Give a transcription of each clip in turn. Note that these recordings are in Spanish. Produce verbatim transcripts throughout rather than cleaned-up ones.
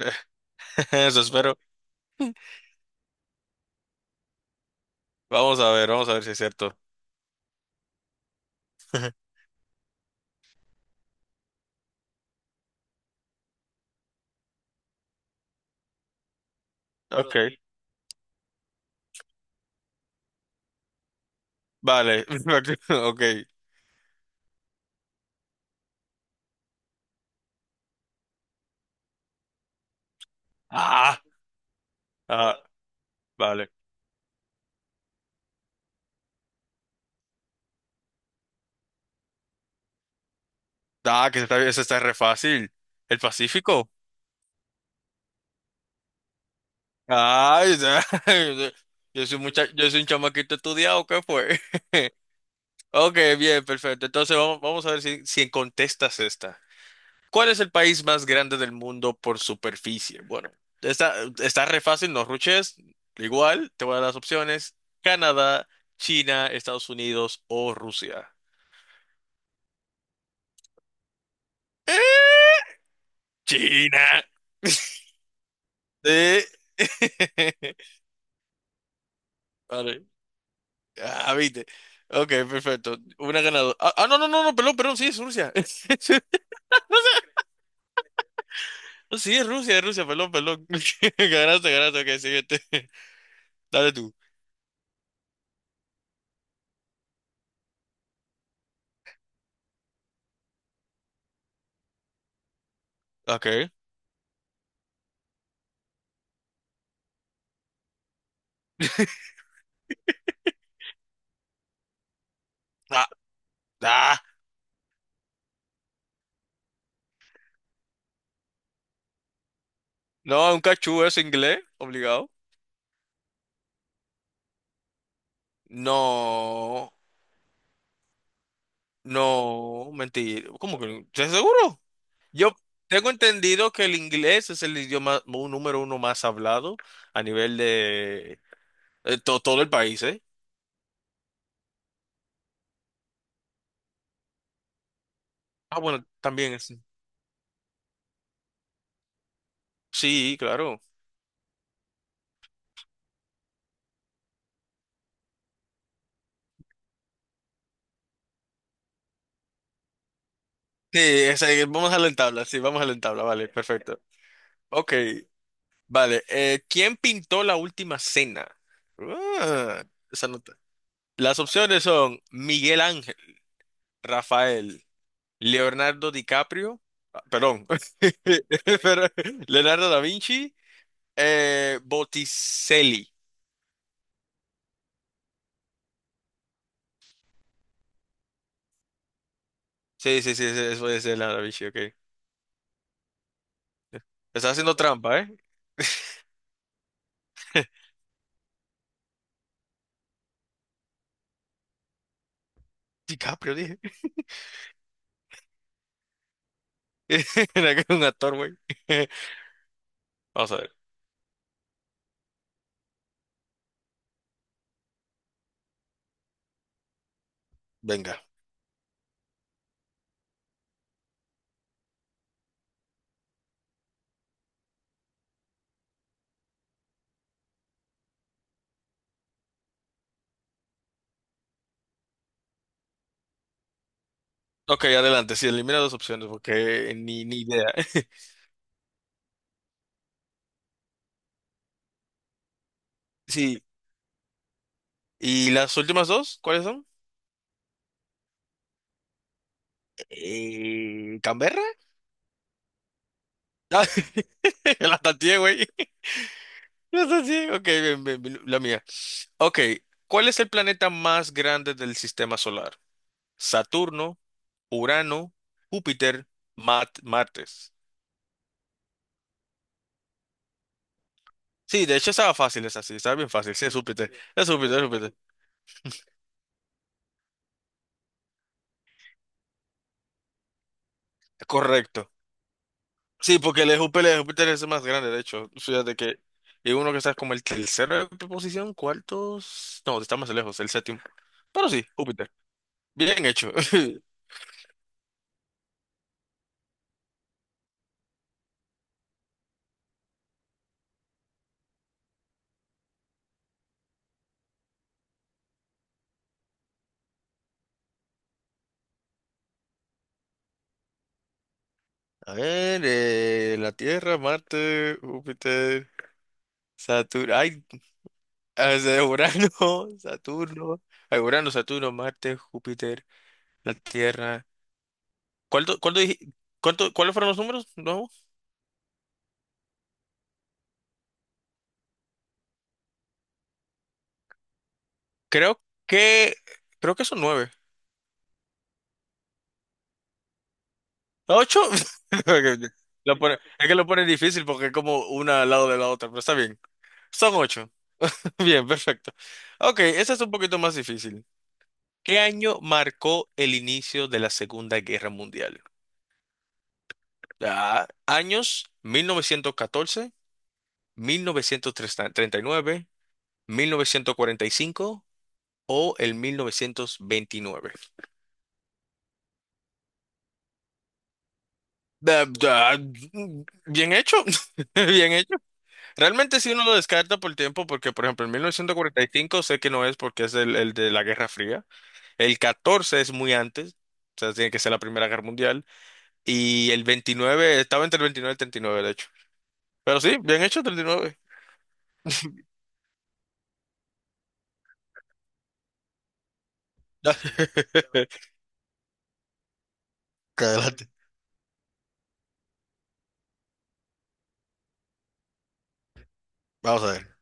Eso espero. Vamos a ver, vamos a ver si es cierto. Ok, vale. Ok. Ah, ah, vale. Ah, que está, eso está re fácil. ¿El Pacífico? Ay, ya. Yo soy mucha, yo soy un chamaquito estudiado, ¿qué fue? Ok, bien, perfecto. Entonces vamos, vamos a ver si, si contestas esta. ¿Cuál es el país más grande del mundo por superficie? Bueno, está, está re fácil, no ruches. Igual, te voy a dar las opciones. Canadá, China, Estados Unidos o Rusia. ¡Eh! China. Eh, Vale. Ah, viste. Ok, perfecto. Una ganadora. Ah, ah, no, no, no, no, perdón, perdón, sí, es Rusia. No sé. Sí, es Rusia, es Rusia, perdón, perdón. Ganaste, ganaste, ok, siguiente. Dale tú. Ok. Ah, ah. No, un cachú es inglés, obligado. No, no, mentira. ¿Cómo que no? ¿Estás seguro? Yo tengo entendido que el inglés es el idioma mu- número uno más hablado a nivel de, de to- todo el país, ¿eh? Ah, bueno, también es. Sí, claro. Sí, es ahí, vamos a la tabla, sí, vamos a la tabla, vale, perfecto. Ok, vale. eh, ¿quién pintó la última cena? Ah, esa nota. Las opciones son Miguel Ángel, Rafael. Leonardo DiCaprio, ah, perdón, pero Leonardo da Vinci, eh, Botticelli. Sí, sí, sí, sí, eso es Leonardo da Vinci, ok. Estás haciendo trampa, ¿eh? DiCaprio, dije. Era que era un actor, güey. Vamos a ver, venga. Ok, adelante, sí, elimina dos opciones porque ni, ni idea. Sí, ¿y las últimas dos? ¿Cuáles son? Eh, ¿Canberra? Ah, la tanteé, güey. No sé si- Ok, bien, bien, bien, la mía. Ok, ¿cuál es el planeta más grande del sistema solar? Saturno, Urano, Júpiter, Mat- Marte. Sí, de hecho estaba fácil, es así, estaba bien fácil. Sí, es Júpiter, es Júpiter, es Júpiter. Correcto. Sí, porque el de Júpiter, el de Júpiter es el más grande, de hecho. Fíjate que. Y uno que está como el tercero de posición, cuartos. No, está más lejos, el séptimo. Pero sí, Júpiter. Bien hecho. A ver, eh, la Tierra, Marte, Júpiter. Saturno, ay, o sea, Urano, Saturno, ay, Urano, Saturno, Marte, Júpiter, la Tierra. ¿Cuánto, cuánto dije- cuánto- cuáles fueron los números? No, creo que, creo que son nueve. ¿Ocho? Lo pone- es que lo pone difícil porque es como una al lado de la otra, pero está bien. Son ocho. Bien, perfecto. Ok, esta es un poquito más difícil. ¿Qué año marcó el inicio de la Segunda Guerra Mundial? Ah, años mil novecientos catorce. mil mil novecientos novecientos treinta y nueve, mil novecientos cuarenta y cinco o el mil novecientos veintinueve. Da- da- Bien hecho, bien hecho. Realmente si uno lo descarta por el tiempo, porque por ejemplo en mil novecientos cuarenta y cinco sé que no es porque es el, el de la Guerra Fría. El catorce es muy antes, o sea, tiene que ser la Primera Guerra Mundial. Y el veintinueve estaba entre el veintinueve y el treinta y nueve de hecho. Pero sí, bien hecho, treinta y nueve. Adelante. Vamos a ver.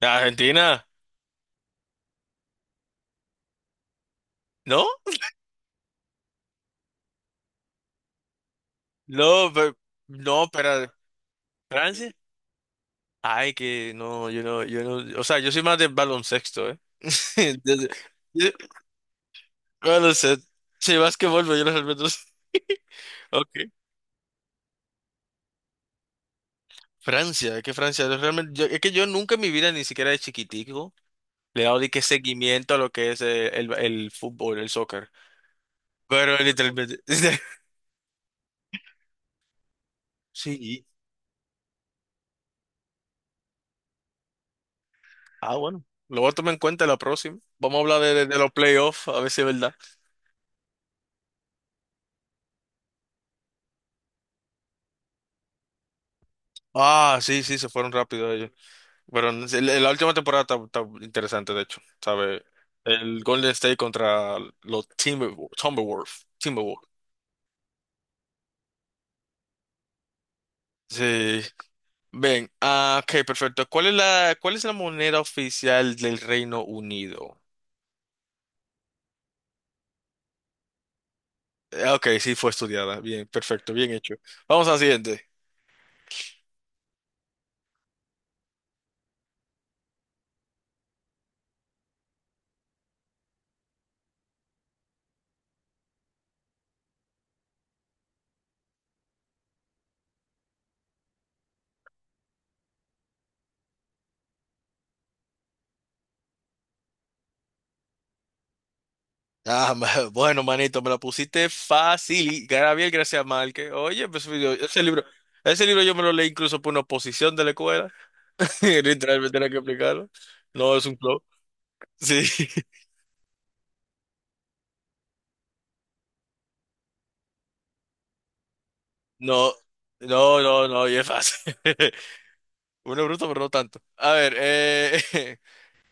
Argentina, ¿no? No, pero, no, pero Francia. Ay, que no, yo no, yo no, o sea, yo soy más de baloncesto, ¿eh? Desde- yo- baloncesto. Sí, básquetbol, pero yo no realmente no sé. Ok. Francia, es que Francia, yo realmente, yo- es que yo nunca en mi vida, ni siquiera de chiquitico, le he dado de que seguimiento a lo que es eh, el, el fútbol, el soccer. Pero literalmente, sí. Ah, bueno. Lo voy a tomar en cuenta la próxima. Vamos a hablar de, de- de los playoffs, a ver si es verdad. Ah, sí, sí, se fueron rápido ellos. Pero en- en la última temporada está, está interesante, de hecho, ¿sabe? El Golden State contra los Timberwolves. Timberwolves. Timberwolves. Sí. Ven, ah, ok, perfecto. ¿Cuál es la, cuál es la moneda oficial del Reino Unido? Eh, Ok, sí fue estudiada. Bien, perfecto, bien hecho. Vamos a la siguiente. Ah, ma- bueno, manito, me la pusiste fácil. Gabriel García Márquez. Oye, pues, yo- ese libro, ese libro, yo me lo leí incluso por una oposición de la escuela. Literalmente era que explicarlo. No es un flow. Sí. No, no, no, no, y es fácil. Uno es bruto, pero no tanto. A ver, eh,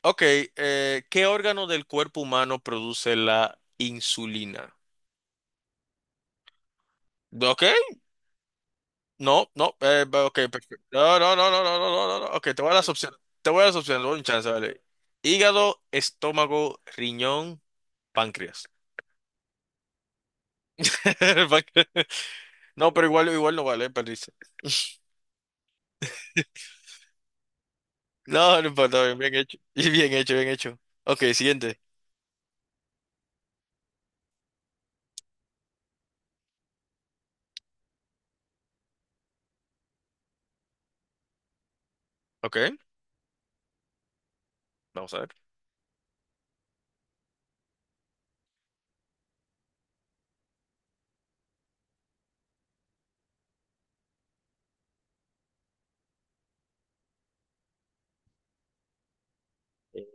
ok, eh, ¿qué órgano del cuerpo humano produce la insulina? Ok, no, no, eh, va, ok, perfecto. No, no, no, no, no, no, no, no, no. Ok, te voy a dar las opciones. Te voy a dar las opciones, doy un chance, vale. Hígado, estómago, riñón, páncreas. El páncreas. No, pero igual, igual no vale, perdiste. No, no importa, bien bien hecho. Bien hecho, bien hecho. Ok, siguiente. Ok, vamos a ver.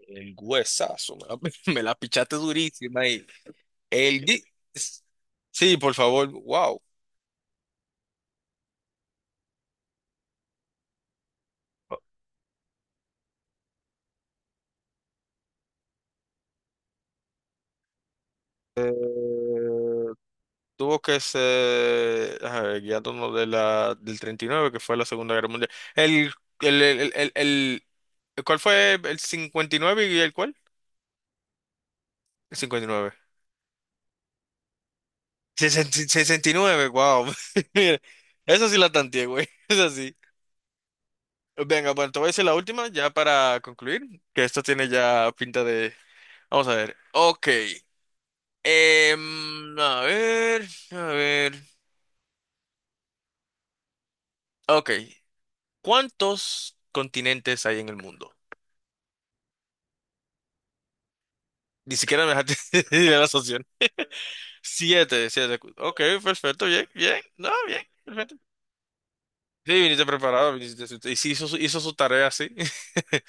El huesazo, me la, me la pichaste durísima ahí. El gui- Sí, por favor, wow. Eh, tuvo que ser, a ver, guiándonos de la, del treinta y nueve que fue la Segunda Guerra Mundial. El, el, el, el, el- el- ¿cuál fue el cincuenta y nueve y el cuál? El cincuenta y nueve, sesenta y- sesenta y nueve, wow. Mira, Esa sí la tanteé, güey. Esa sí. Venga, bueno, te voy a decir la última ya para concluir, que esto tiene ya pinta de, vamos a ver. Ok. Em, a ver, a ver. Ok. ¿Cuántos continentes hay en el mundo? Ni siquiera me dejaste de la asociación. Siete, siete. Ok, perfecto, bien, bien. No, bien, perfecto. Sí, viniste preparado, viniste. Y sí, hizo, su- hizo su tarea, sí.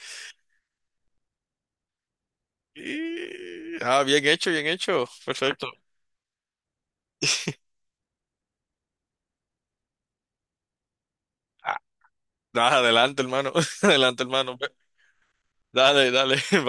Y- Ah, bien hecho, bien hecho. Perfecto. Ah, adelante, hermano. Adelante, hermano. Dale, dale.